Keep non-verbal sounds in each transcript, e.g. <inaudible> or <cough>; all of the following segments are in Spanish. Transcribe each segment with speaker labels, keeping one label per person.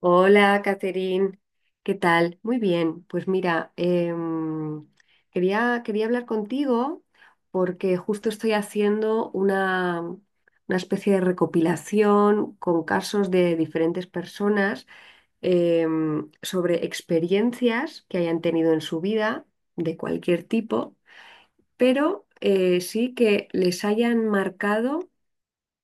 Speaker 1: Hola, Catherine, ¿qué tal? Muy bien, pues mira, em, quería hablar contigo porque justo estoy haciendo una especie de recopilación con casos de diferentes personas sobre experiencias que hayan tenido en su vida de cualquier tipo, pero sí que les hayan marcado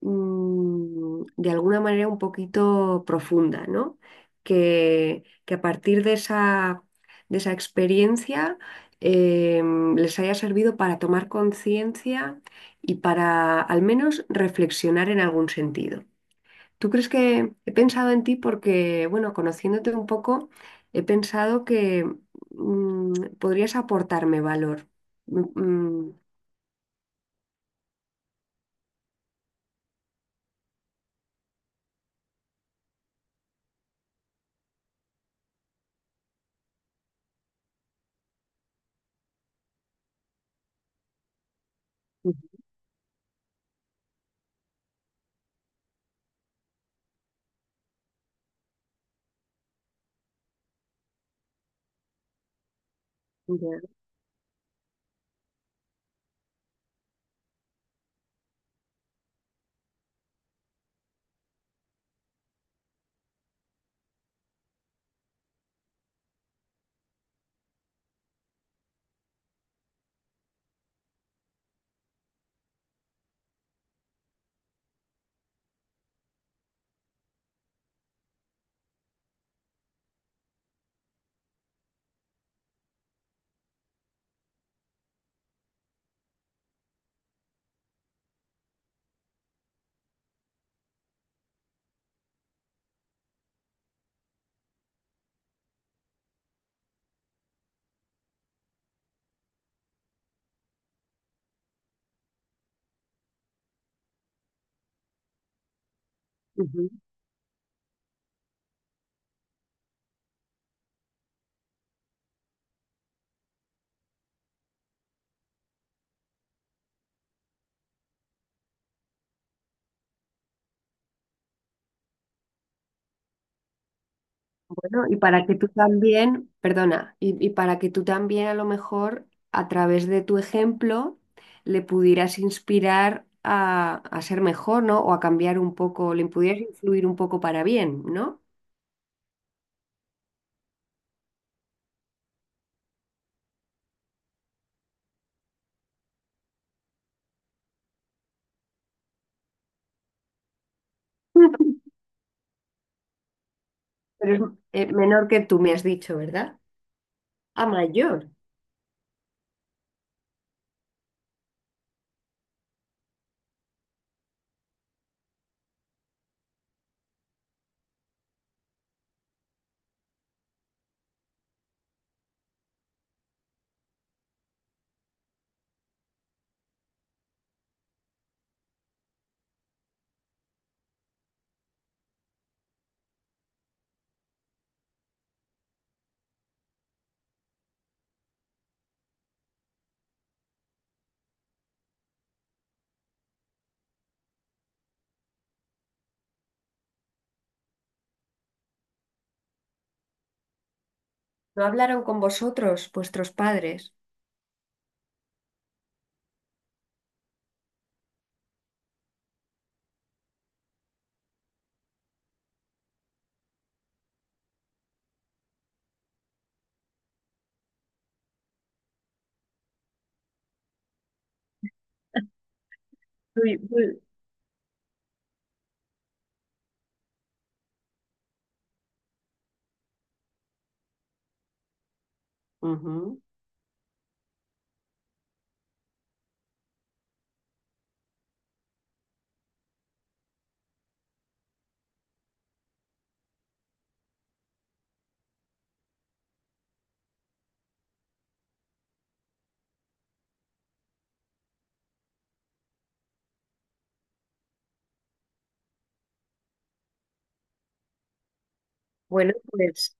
Speaker 1: de alguna manera un poquito profunda, ¿no? Que a partir de esa experiencia eh, les haya servido para tomar conciencia y para al menos reflexionar en algún sentido. ¿Tú crees que he pensado en ti porque, bueno, conociéndote un poco, he pensado que mm, podrías aportarme valor? Mm, mm, ujú, ya, ujú. Bueno, y para que tú también, perdona, y para que tú también a lo mejor a través de tu ejemplo le pudieras inspirar a ser mejor, ¿no? O a cambiar un poco, le pudieras influir un poco para bien, ¿no? <laughs> Pero es menor que tú me has dicho, ¿verdad? A mayor. ¿No hablaron con vosotros, vuestros padres? Ujú. Bueno, pues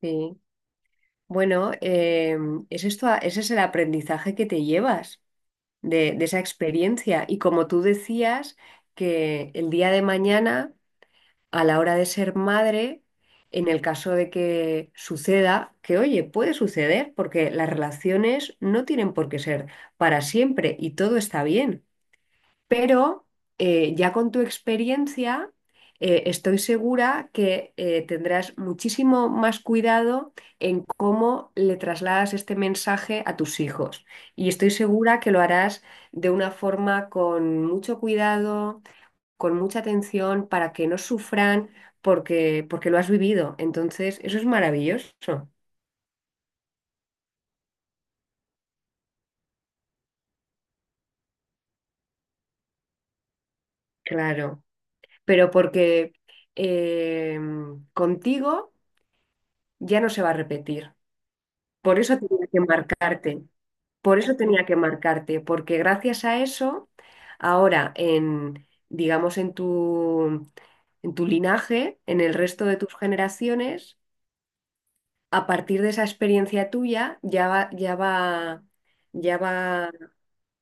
Speaker 1: sí. Bueno, es esto, ese es el aprendizaje que te llevas de esa experiencia. Y como tú decías, que el día de mañana, a la hora de ser madre, en el caso de que suceda, que oye, puede suceder, porque las relaciones no tienen por qué ser para siempre y todo está bien. Pero ya con tu experiencia, estoy segura que tendrás muchísimo más cuidado en cómo le trasladas este mensaje a tus hijos. Y estoy segura que lo harás de una forma con mucho cuidado, con mucha atención, para que no sufran porque lo has vivido. Entonces, eso es maravilloso, claro. Pero porque contigo ya no se va a repetir. Por eso tenía que marcarte, por eso tenía que marcarte, porque gracias a eso, ahora digamos, en tu linaje, en el resto de tus generaciones, a partir de esa experiencia tuya, ya va, ya va, ya va.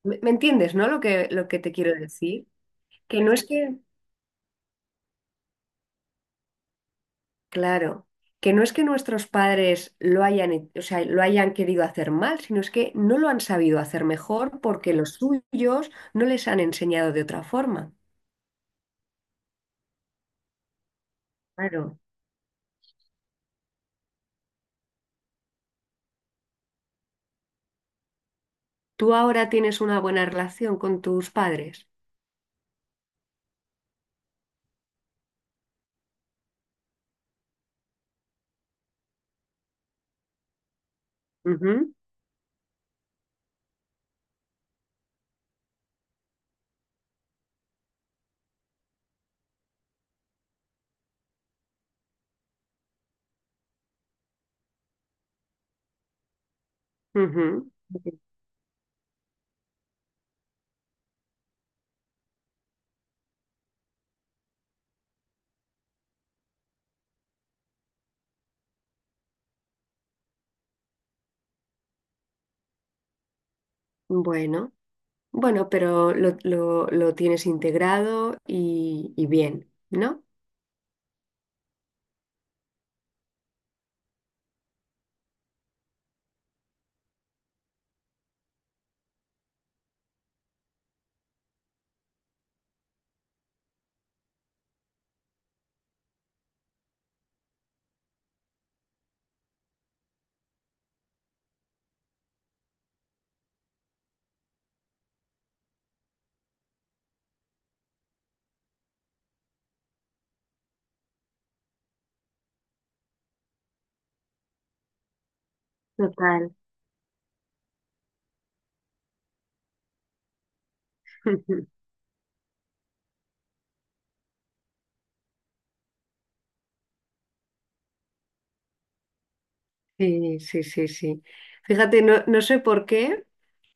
Speaker 1: ¿Me entiendes, no? Lo que te quiero decir. Que no es que Claro, que no es que nuestros padres lo hayan, o sea, lo hayan querido hacer mal, sino es que no lo han sabido hacer mejor porque los suyos no les han enseñado de otra forma. Claro. ¿Tú ahora tienes una buena relación con tus padres? Ujú, ujú. Bueno, bueno, pero lo tienes integrado y bien, ¿no? Total. <laughs> Sí, sí, sí, sí. Fíjate, no, no sé por qué.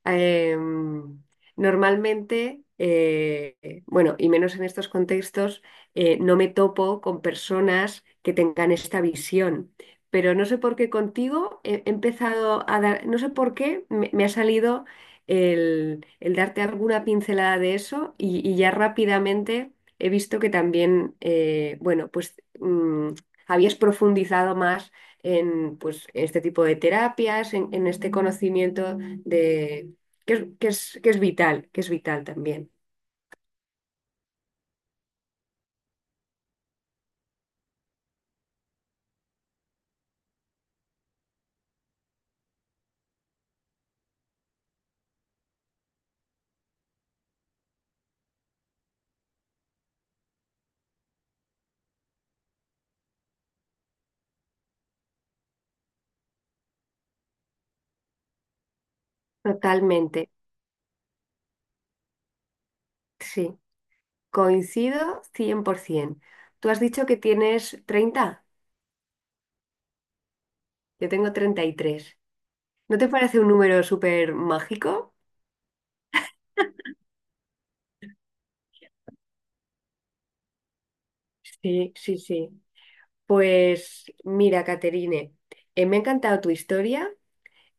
Speaker 1: Em, normalmente, bueno, y menos en estos contextos, no me topo con personas que tengan esta visión. Pero no sé por qué contigo he empezado a dar, no sé por qué me ha salido el darte alguna pincelada de eso y ya rápidamente he visto que también, bueno, pues mm, habías profundizado más en pues, este tipo de terapias, en este conocimiento que es vital, que es vital también. Totalmente, sí, coincido 100%. Tú has dicho que tienes 30. Yo tengo 33. ¿No te parece un número súper mágico? Sí, sí, sí. Pues mira, Caterine, me ha encantado tu historia.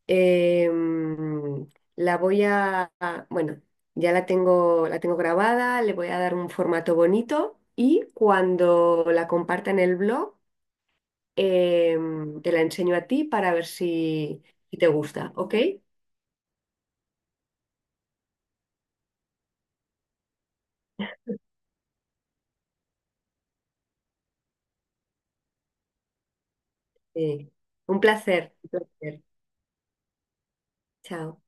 Speaker 1: Em, la voy a- bueno, ya la tengo, grabada, le voy a dar un formato bonito y cuando la comparta en el blog. Te la enseño a ti para ver si te gusta, ¿ok? Sí. Un placer, un placer. Chao.